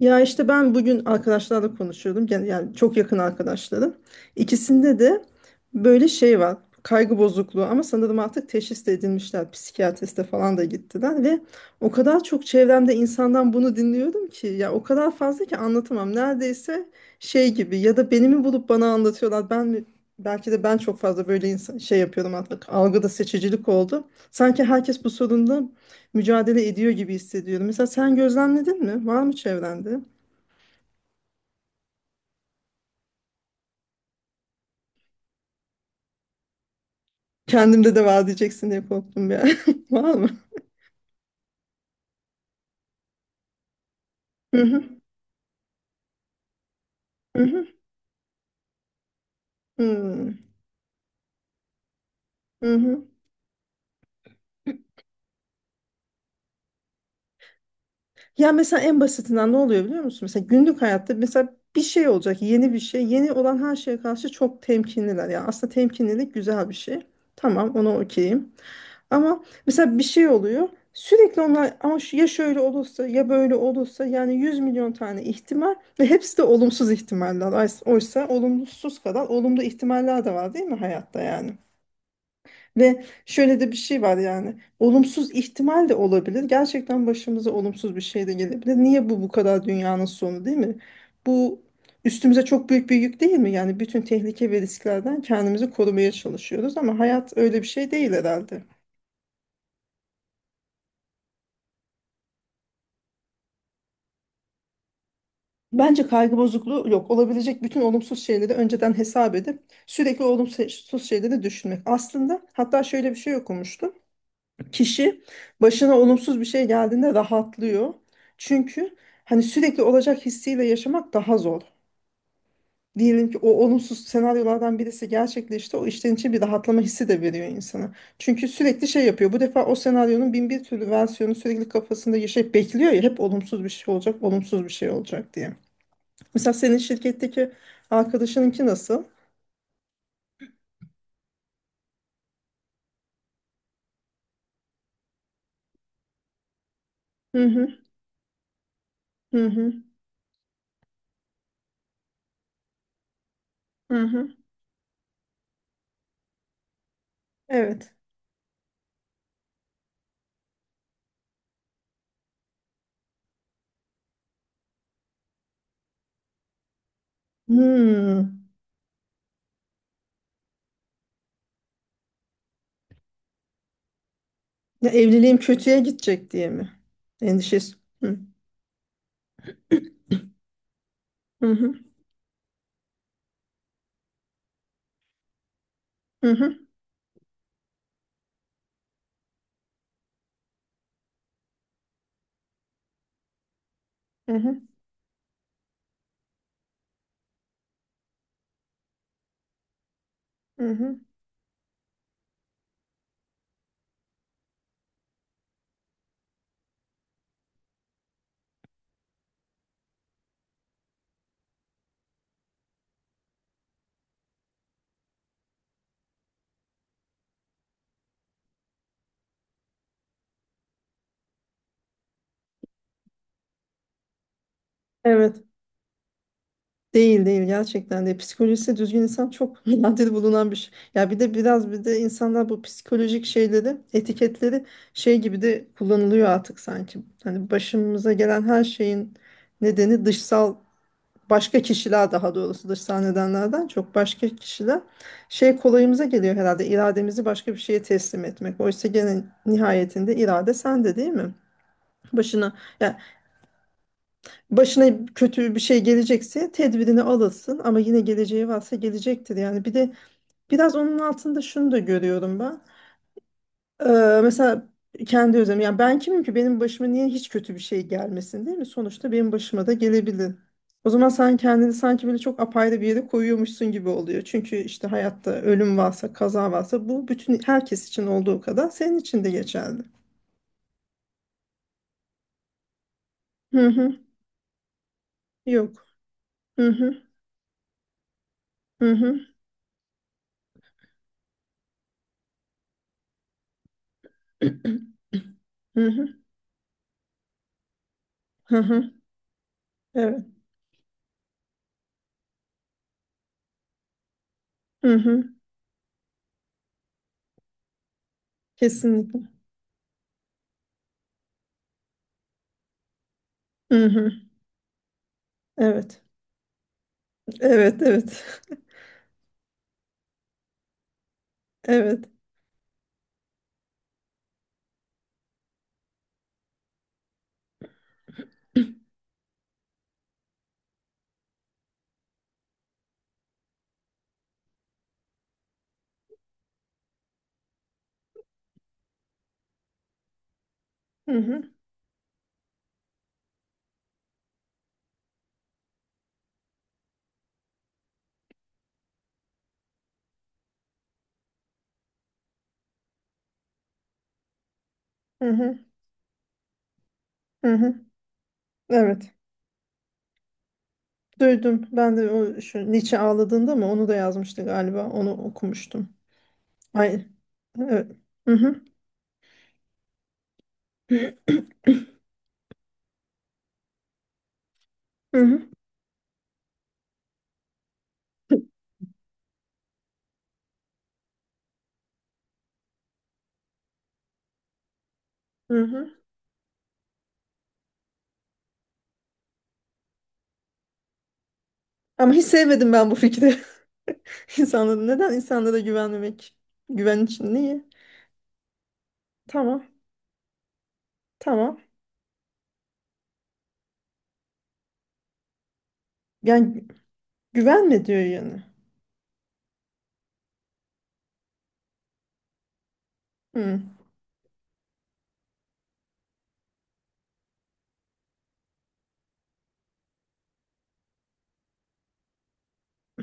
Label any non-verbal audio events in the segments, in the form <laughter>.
Ya işte ben bugün arkadaşlarla konuşuyordum. Yani çok yakın arkadaşlarım. İkisinde de böyle şey var. Kaygı bozukluğu ama sanırım artık teşhis de edilmişler. Psikiyatriste falan da gittiler ve o kadar çok çevremde insandan bunu dinliyorum ki ya o kadar fazla ki anlatamam. Neredeyse şey gibi ya da beni mi bulup bana anlatıyorlar. Ben mi belki de ben çok fazla böyle insan, şey yapıyorum artık. Algıda seçicilik oldu. Sanki herkes bu sorunla mücadele ediyor gibi hissediyorum. Mesela sen gözlemledin mi? Var mı çevrende? Kendimde de vaat diyeceksin diye korktum ya. <laughs> Var mı? Hı hı. Hı hı. Hı hı. Hı. Ya mesela en basitinden ne oluyor biliyor musun? Mesela günlük hayatta mesela bir şey olacak, yeni bir şey. Yeni olan her şeye karşı çok temkinliler. Ya aslında temkinlilik güzel bir şey. Tamam, ona okeyim. Ama mesela bir şey oluyor. Sürekli onlar ama ya şöyle olursa ya böyle olursa yani 100 milyon tane ihtimal ve hepsi de olumsuz ihtimaller. Oysa olumsuz kadar olumlu ihtimaller de var değil mi hayatta yani? Ve şöyle de bir şey var yani. Olumsuz ihtimal de olabilir. Gerçekten başımıza olumsuz bir şey de gelebilir. Niye bu kadar dünyanın sonu değil mi? Bu üstümüze çok büyük bir yük değil mi? Yani bütün tehlike ve risklerden kendimizi korumaya çalışıyoruz ama hayat öyle bir şey değil herhalde. Bence kaygı bozukluğu yok. Olabilecek bütün olumsuz şeyleri önceden hesap edip sürekli olumsuz şeyleri düşünmek. Aslında hatta şöyle bir şey okumuştum. Kişi başına olumsuz bir şey geldiğinde rahatlıyor. Çünkü hani sürekli olacak hissiyle yaşamak daha zor. Diyelim ki o olumsuz senaryolardan birisi gerçekleşti. O işten için bir rahatlama hissi de veriyor insana. Çünkü sürekli şey yapıyor. Bu defa o senaryonun bin bir türlü versiyonu sürekli kafasında yaşayıp bekliyor ya hep olumsuz bir şey olacak, olumsuz bir şey olacak diye. Mesela senin şirketteki arkadaşınınki nasıl? Hı, hı hı, hı hı, hı. Evet. Hmm. Ya evliliğim kötüye gidecek diye mi? Endişesi. Hı. Hı hı. Hı hı. Hı hı. Hı hı. Evet. Değil değil, gerçekten de psikolojisi düzgün insan çok <laughs> nadir bulunan bir şey. Ya bir de biraz bir de insanlar bu psikolojik şeyleri, etiketleri şey gibi de kullanılıyor artık sanki. Hani başımıza gelen her şeyin nedeni dışsal, başka kişiler, daha doğrusu dışsal nedenlerden çok başka kişiler, şey kolayımıza geliyor herhalde irademizi başka bir şeye teslim etmek. Oysa gene nihayetinde irade sende değil mi? Başına yani başına kötü bir şey gelecekse tedbirini alırsın ama yine geleceği varsa gelecektir. Yani bir de biraz onun altında şunu da görüyorum ben. Ee, mesela kendi özelim. Yani ben kimim ki benim başıma niye hiç kötü bir şey gelmesin değil mi? Sonuçta benim başıma da gelebilir. O zaman sen kendini sanki böyle çok apayrı bir yere koyuyormuşsun gibi oluyor. Çünkü işte hayatta ölüm varsa, kaza varsa bu bütün herkes için olduğu kadar senin için de geçerli. Hı hı. Yok. Hı hı. Hı hı. <clears throat> Hı hı. Hı hı. Evet. Hı hı. Kesinlikle. Hı hı. Evet. Evet, evet. <laughs> Evet. Hı hı. Hı hı. Hı hı. Evet. Duydum. Ben de o şu Nietzsche ağladığında mı onu da yazmıştı galiba. Onu okumuştum. Ay, evet. Hı hı. Hı hı. Hı hı. Ama hiç sevmedim ben bu fikri. <laughs> Neden insanlara güvenmemek? Güven için niye? Tamam. Tamam. Yani güvenme diyor yani. Hı.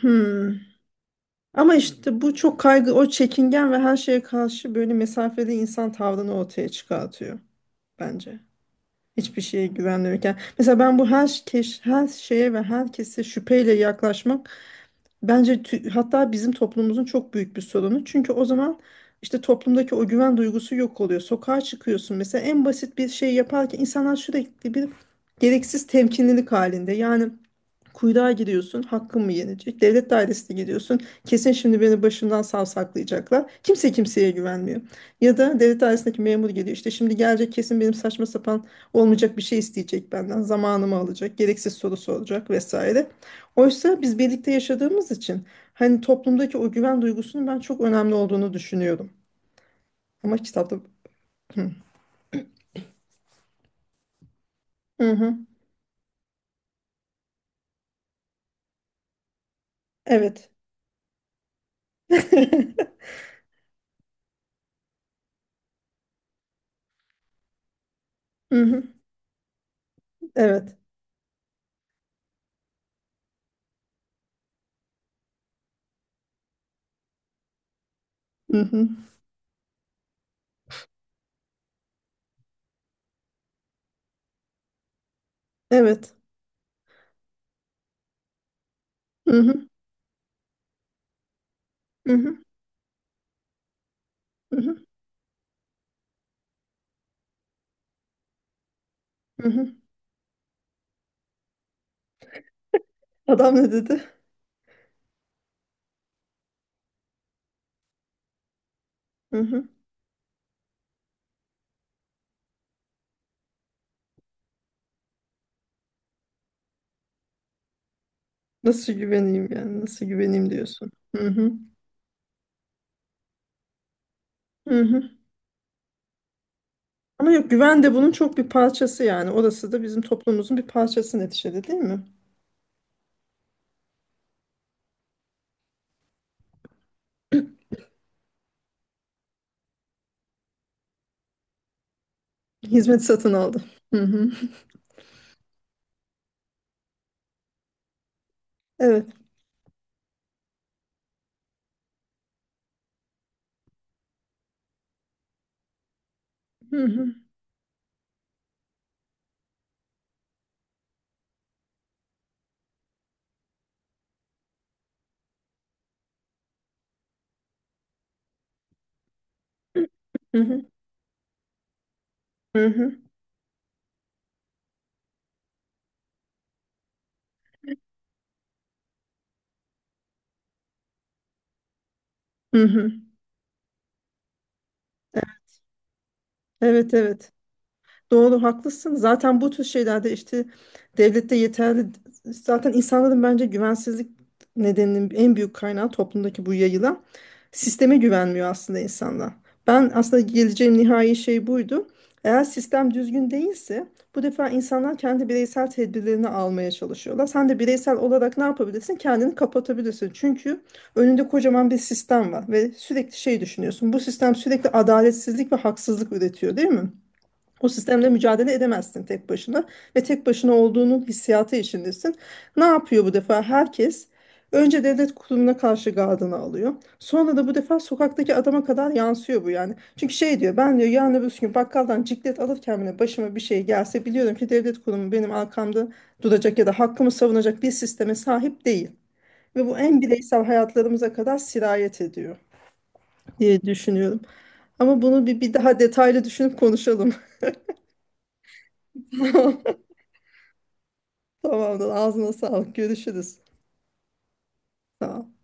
Hı. Ama işte bu çok kaygı, o çekingen ve her şeye karşı böyle mesafeli insan tavrını ortaya çıkartıyor bence. Hiçbir şeye güvenmiyorken. Mesela ben bu her şeye ve herkese şüpheyle yaklaşmak bence hatta bizim toplumumuzun çok büyük bir sorunu. Çünkü o zaman işte toplumdaki o güven duygusu yok oluyor. Sokağa çıkıyorsun mesela en basit bir şey yaparken insanlar sürekli bir gereksiz temkinlilik halinde. Yani kuyruğa giriyorsun, hakkın mı yenecek? Devlet dairesine gidiyorsun, kesin şimdi beni başımdan savsaklayacaklar. Kimse kimseye güvenmiyor. Ya da devlet dairesindeki memur geliyor, işte şimdi gelecek kesin benim saçma sapan olmayacak bir şey isteyecek benden, zamanımı alacak, gereksiz soru soracak vesaire. Oysa biz birlikte yaşadığımız için hani toplumdaki o güven duygusunun ben çok önemli olduğunu düşünüyorum. Ama kitapta... Hı hı. Evet. <laughs> Hı hı. Evet. Hı hı. Evet. Hı hı. Hı hı. Hı hı. Hı hı. Adam ne dedi? Hı hı. Nasıl güveneyim yani? Nasıl güveneyim diyorsun. Hı hı. Hı hı. Ama yok, güven de bunun çok bir parçası yani. Orası da bizim toplumumuzun bir parçası neticede değil mi? Hizmet satın aldı. Hı hı. Evet. Hı hı. Hı hı. Hı hı. Hı hı. Evet, evet. Doğru, haklısın. Zaten bu tür şeylerde işte devlette yeterli, zaten insanların bence güvensizlik nedeninin en büyük kaynağı toplumdaki bu yayılan sisteme güvenmiyor aslında insanlar. Ben aslında geleceğim nihai şey buydu. Eğer sistem düzgün değilse bu defa insanlar kendi bireysel tedbirlerini almaya çalışıyorlar. Sen de bireysel olarak ne yapabilirsin? Kendini kapatabilirsin. Çünkü önünde kocaman bir sistem var ve sürekli şey düşünüyorsun. Bu sistem sürekli adaletsizlik ve haksızlık üretiyor, değil mi? O sistemle mücadele edemezsin tek başına ve tek başına olduğunun hissiyatı içindesin. Ne yapıyor bu defa? Herkes önce devlet kurumuna karşı gardını alıyor. Sonra da bu defa sokaktaki adama kadar yansıyor bu yani. Çünkü şey diyor, ben diyor yarın öbür gün bakkaldan ciklet alırken bile başıma bir şey gelse biliyorum ki devlet kurumu benim arkamda duracak ya da hakkımı savunacak bir sisteme sahip değil. Ve bu en bireysel hayatlarımıza kadar sirayet ediyor diye düşünüyorum. Ama bunu bir daha detaylı düşünüp konuşalım. <laughs> Tamamdır. Ağzına sağlık. Görüşürüz. Tamam.